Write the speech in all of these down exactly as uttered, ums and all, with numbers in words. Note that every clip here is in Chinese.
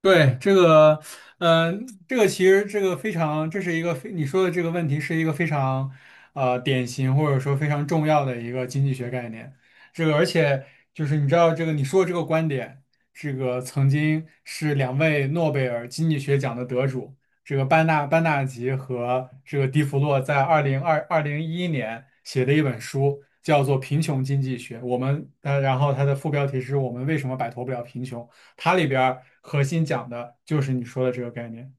对，这个，嗯、这个其实这个非常，这是一个非你说的这个问题是一个非常，呃，典型或者说非常重要的一个经济学概念。这个，而且就是你知道这个你说的这个观点，这个曾经是两位诺贝尔经济学奖的得主，这个班纳班纳吉和这个迪弗洛在二零二二零一一年写的一本书，叫做《贫穷经济学》。我们呃，然后它的副标题是我们为什么摆脱不了贫穷。它里边核心讲的就是你说的这个概念。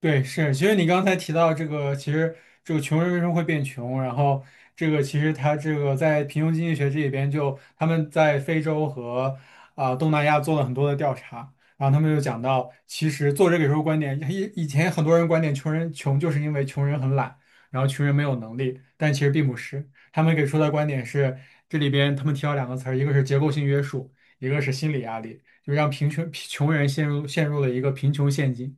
对，是，其实你刚才提到这个，其实这个穷人为什么会变穷，然后这个其实他这个在贫穷经济学这里边就他们在非洲和啊、东南亚做了很多的调查，然后他们就讲到，其实作者给出的观点，以以前很多人观点穷人穷就是因为穷人很懒，然后穷人没有能力，但其实并不是，他们给出的观点是这里边他们提到两个词儿，一个是结构性约束，一个是心理压力，就让贫穷贫穷人陷入陷入了一个贫穷陷阱。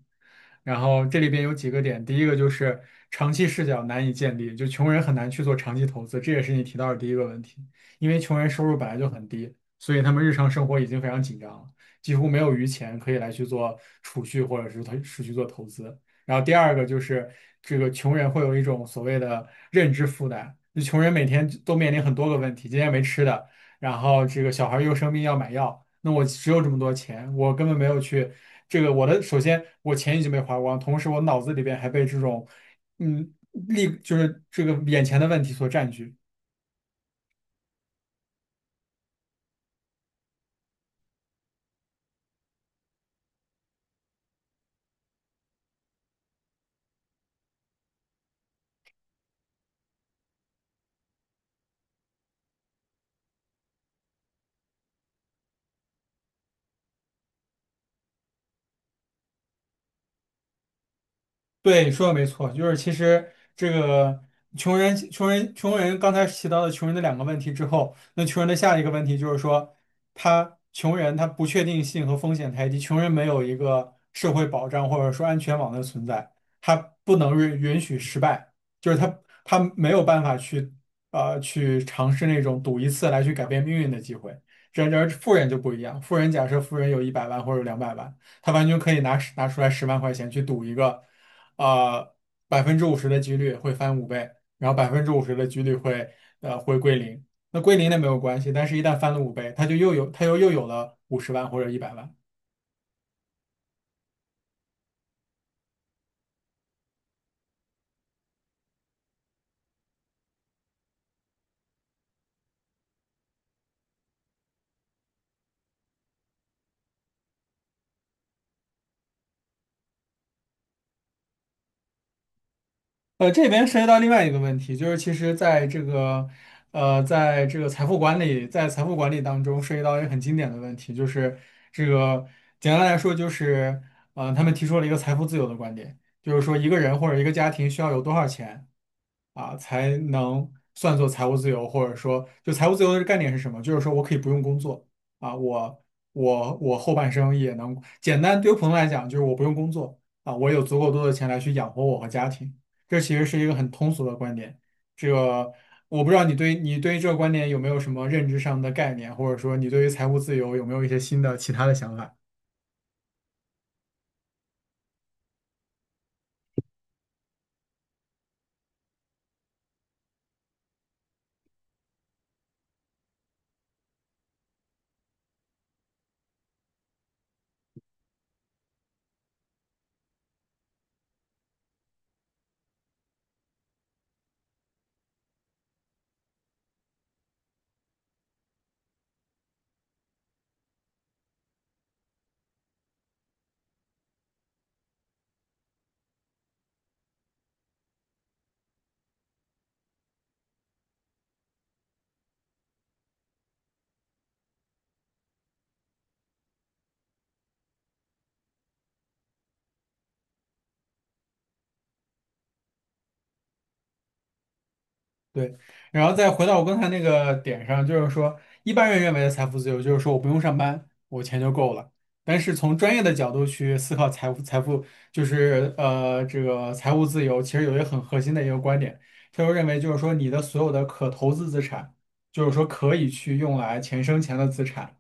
然后这里边有几个点，第一个就是长期视角难以建立，就穷人很难去做长期投资，这也是你提到的第一个问题。因为穷人收入本来就很低，所以他们日常生活已经非常紧张了，几乎没有余钱可以来去做储蓄或者是投是去做投资。然后第二个就是这个穷人会有一种所谓的认知负担，就穷人每天都面临很多个问题，今天没吃的，然后这个小孩又生病要买药，那我只有这么多钱，我根本没有去。这个我的首先我钱已经被花光，同时我脑子里边还被这种嗯利就是这个眼前的问题所占据。对，你说的没错，就是其实这个穷人、穷人、穷人，刚才提到的穷人的两个问题之后，那穷人的下一个问题就是说，他穷人他不确定性和风险太低，穷人没有一个社会保障或者说安全网的存在，他不能允允许失败，就是他他没有办法去呃去尝试那种赌一次来去改变命运的机会。然而富人就不一样，富人假设富人有一百万或者两百万。他完全可以拿拿出来十万块钱去赌一个。呃百分之五十的几率会翻五倍，然后百分之五十的几率会呃会归零。那归零那没有关系，但是一旦翻了五倍，他就又有他又又有了五十万或者一百万。呃，这边涉及到另外一个问题，就是其实在这个呃在这个财富管理在财富管理当中涉及到一个很经典的问题，就是这个简单来说就是呃他们提出了一个财富自由的观点，就是说一个人或者一个家庭需要有多少钱。啊，才能算作财务自由，或者说，就财务自由的概念是什么？就是说我可以不用工作啊，我我我后半生也能简单，对于普通来讲，就是我不用工作啊，我有足够多的钱来去养活我和家庭。这其实是一个很通俗的观点，这个我不知道你对你对于这个观点有没有什么认知上的概念，或者说你对于财务自由有没有一些新的其他的想法？对，然后再回到我刚才那个点上，就是说，一般人认为的财富自由，就是说我不用上班，我钱就够了。但是从专业的角度去思考财富，财富就是呃，这个财务自由，其实有一个很核心的一个观点，他就认为就是说，你的所有的可投资资产，就是说可以去用来钱生钱的资产。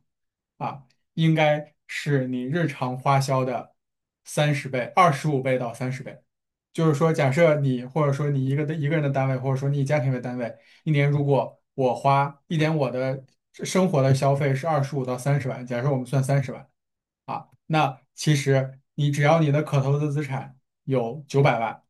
啊，应该是你日常花销的三十倍、二十五倍到三十倍。就是说，假设你或者说你一个的一个人的单位，或者说你以家庭为单位，一年如果我花一年我的生活的消费是二十五到三十万，假设我们算三十万啊，那其实你只要你的可投资资产有九百万。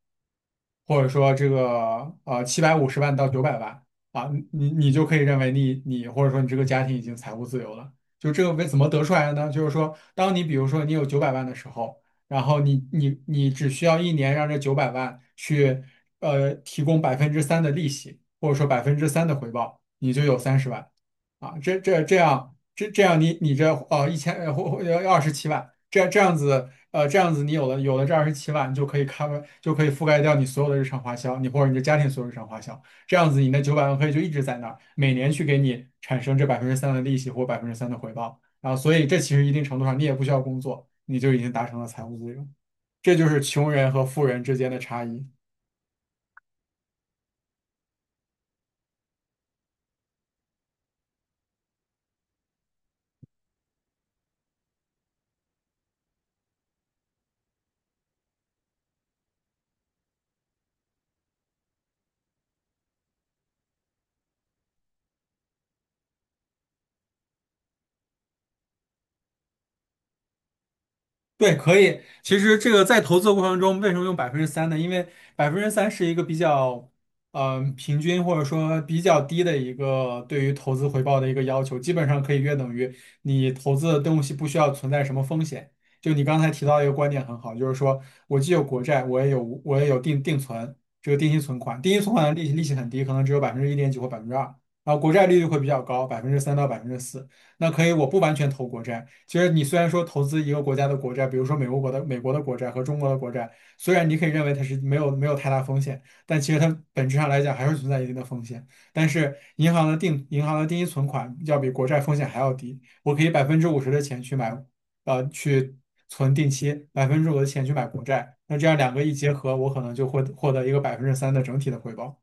或者说这个呃七百五十万到九百万啊，你你就可以认为你你或者说你这个家庭已经财务自由了。就这个为怎么得出来的呢？就是说，当你比如说你有九百万的时候，然后你你你只需要一年让这九百万去呃提供百分之三的利息，或者说百分之三的回报，你就有三十万啊。这这这样这这样你你这呃一千呃或或呃二十七万，这这样子呃，这样子你有了有了这二十七万，就可以 cover 就可以覆盖掉你所有的日常花销，你或者你的家庭所有日常花销。这样子你那九百万可以就一直在那儿，每年去给你产生这百分之三的利息或百分之三的回报。然后，所以这其实一定程度上你也不需要工作，你就已经达成了财务自由。这就是穷人和富人之间的差异。对，可以。其实这个在投资的过程中，为什么用百分之三呢？因为百分之三是一个比较，嗯、平均或者说比较低的一个对于投资回报的一个要求，基本上可以约等于你投资的东西不需要存在什么风险。就你刚才提到一个观点很好，就是说我既有国债，我也有我也有定定存，这个定期存款，定期存款的利息利息很低，可能只有百分之一点几或百分之二，然后国债利率会比较高，百分之三到百分之四。那可以，我不完全投国债。其实你虽然说投资一个国家的国债，比如说美国国的美国的国债和中国的国债，虽然你可以认为它是没有没有太大风险，但其实它本质上来讲还是存在一定的风险。但是银行的定银行的定期存款要比国债风险还要低，我可以百分之五十的钱去买，呃，去存定期，百分之五的钱去买国债，那这样两个一结合，我可能就会获得一个百分之三的整体的回报。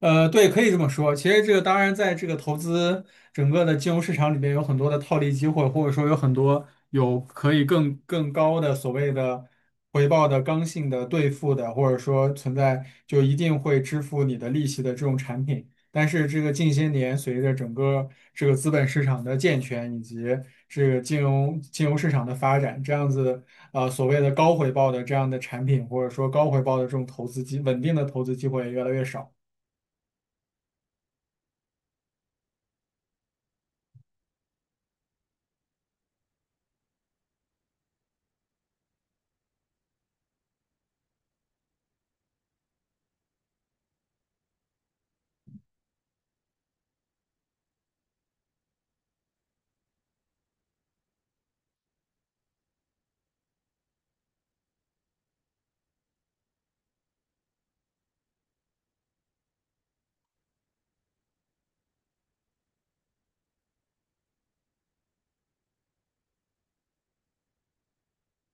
呃，对，可以这么说。其实这个当然，在这个投资整个的金融市场里面，有很多的套利机会，或者说有很多有可以更更高的所谓的回报的刚性的兑付的，或者说存在就一定会支付你的利息的这种产品。但是这个近些年随着整个这个资本市场的健全以及这个金融金融市场的发展，这样子呃所谓的高回报的这样的产品，或者说高回报的这种投资机稳定的投资机会也越来越少。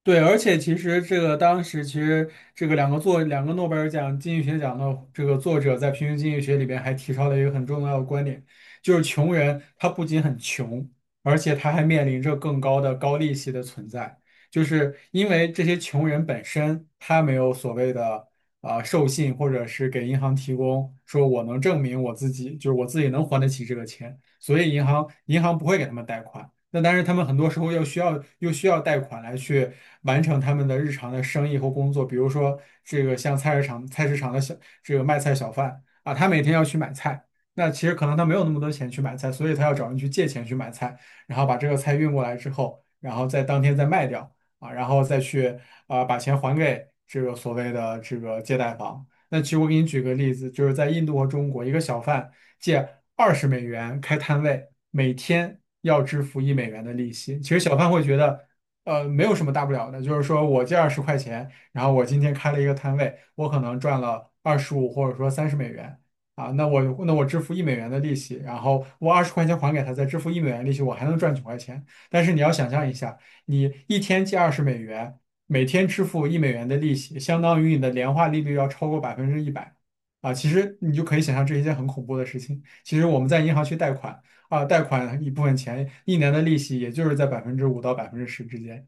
对，而且其实这个当时其实这个两个作两个诺贝尔奖经济学奖的这个作者在平行经济学里边还提到了一个很重要的观点，就是穷人他不仅很穷，而且他还面临着更高的高利息的存在，就是因为这些穷人本身他没有所谓的啊、呃授信或者是给银行提供说我能证明我自己，就是我自己能还得起这个钱，所以银行银行不会给他们贷款。那但是他们很多时候又需要又需要贷款来去完成他们的日常的生意或工作，比如说这个像菜市场菜市场的小这个卖菜小贩啊，他每天要去买菜，那其实可能他没有那么多钱去买菜，所以他要找人去借钱去买菜，然后把这个菜运过来之后，然后在当天再卖掉啊，然后再去啊、把钱还给这个所谓的这个借贷方。那其实我给你举个例子，就是在印度和中国，一个小贩。借二十美元开摊位，每天要支付一美元的利息。其实小贩会觉得，呃，没有什么大不了的，就是说我借二十块钱，然后我今天开了一个摊位，我可能赚了二十五或者说三十美元。啊，那我那我支付一美元的利息，然后我二十块钱还给他，再支付一美元利息，我还能赚九块钱。但是你要想象一下，你一天借二十美元，每天支付一美元的利息，相当于你的年化利率要超过百分之一百。啊，其实你就可以想象这是一件很恐怖的事情。其实我们在银行去贷款啊，贷款一部分钱，一年的利息也就是在百分之五到百分之十之间。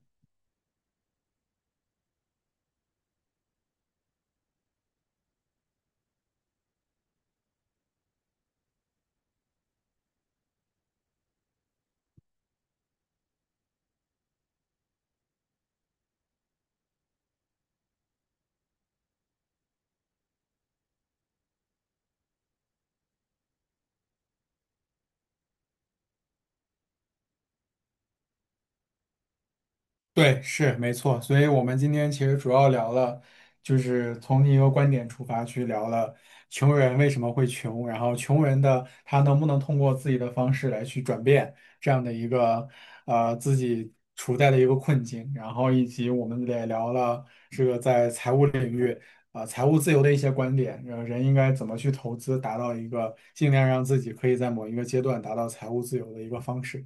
对，是没错。所以我们今天其实主要聊了，就是从一个观点出发去聊了穷人为什么会穷，然后穷人的他能不能通过自己的方式来去转变这样的一个呃自己处在的一个困境，然后以及我们也聊了这个在财务领域啊、呃财务自由的一些观点，呃人应该怎么去投资，达到一个尽量让自己可以在某一个阶段达到财务自由的一个方式。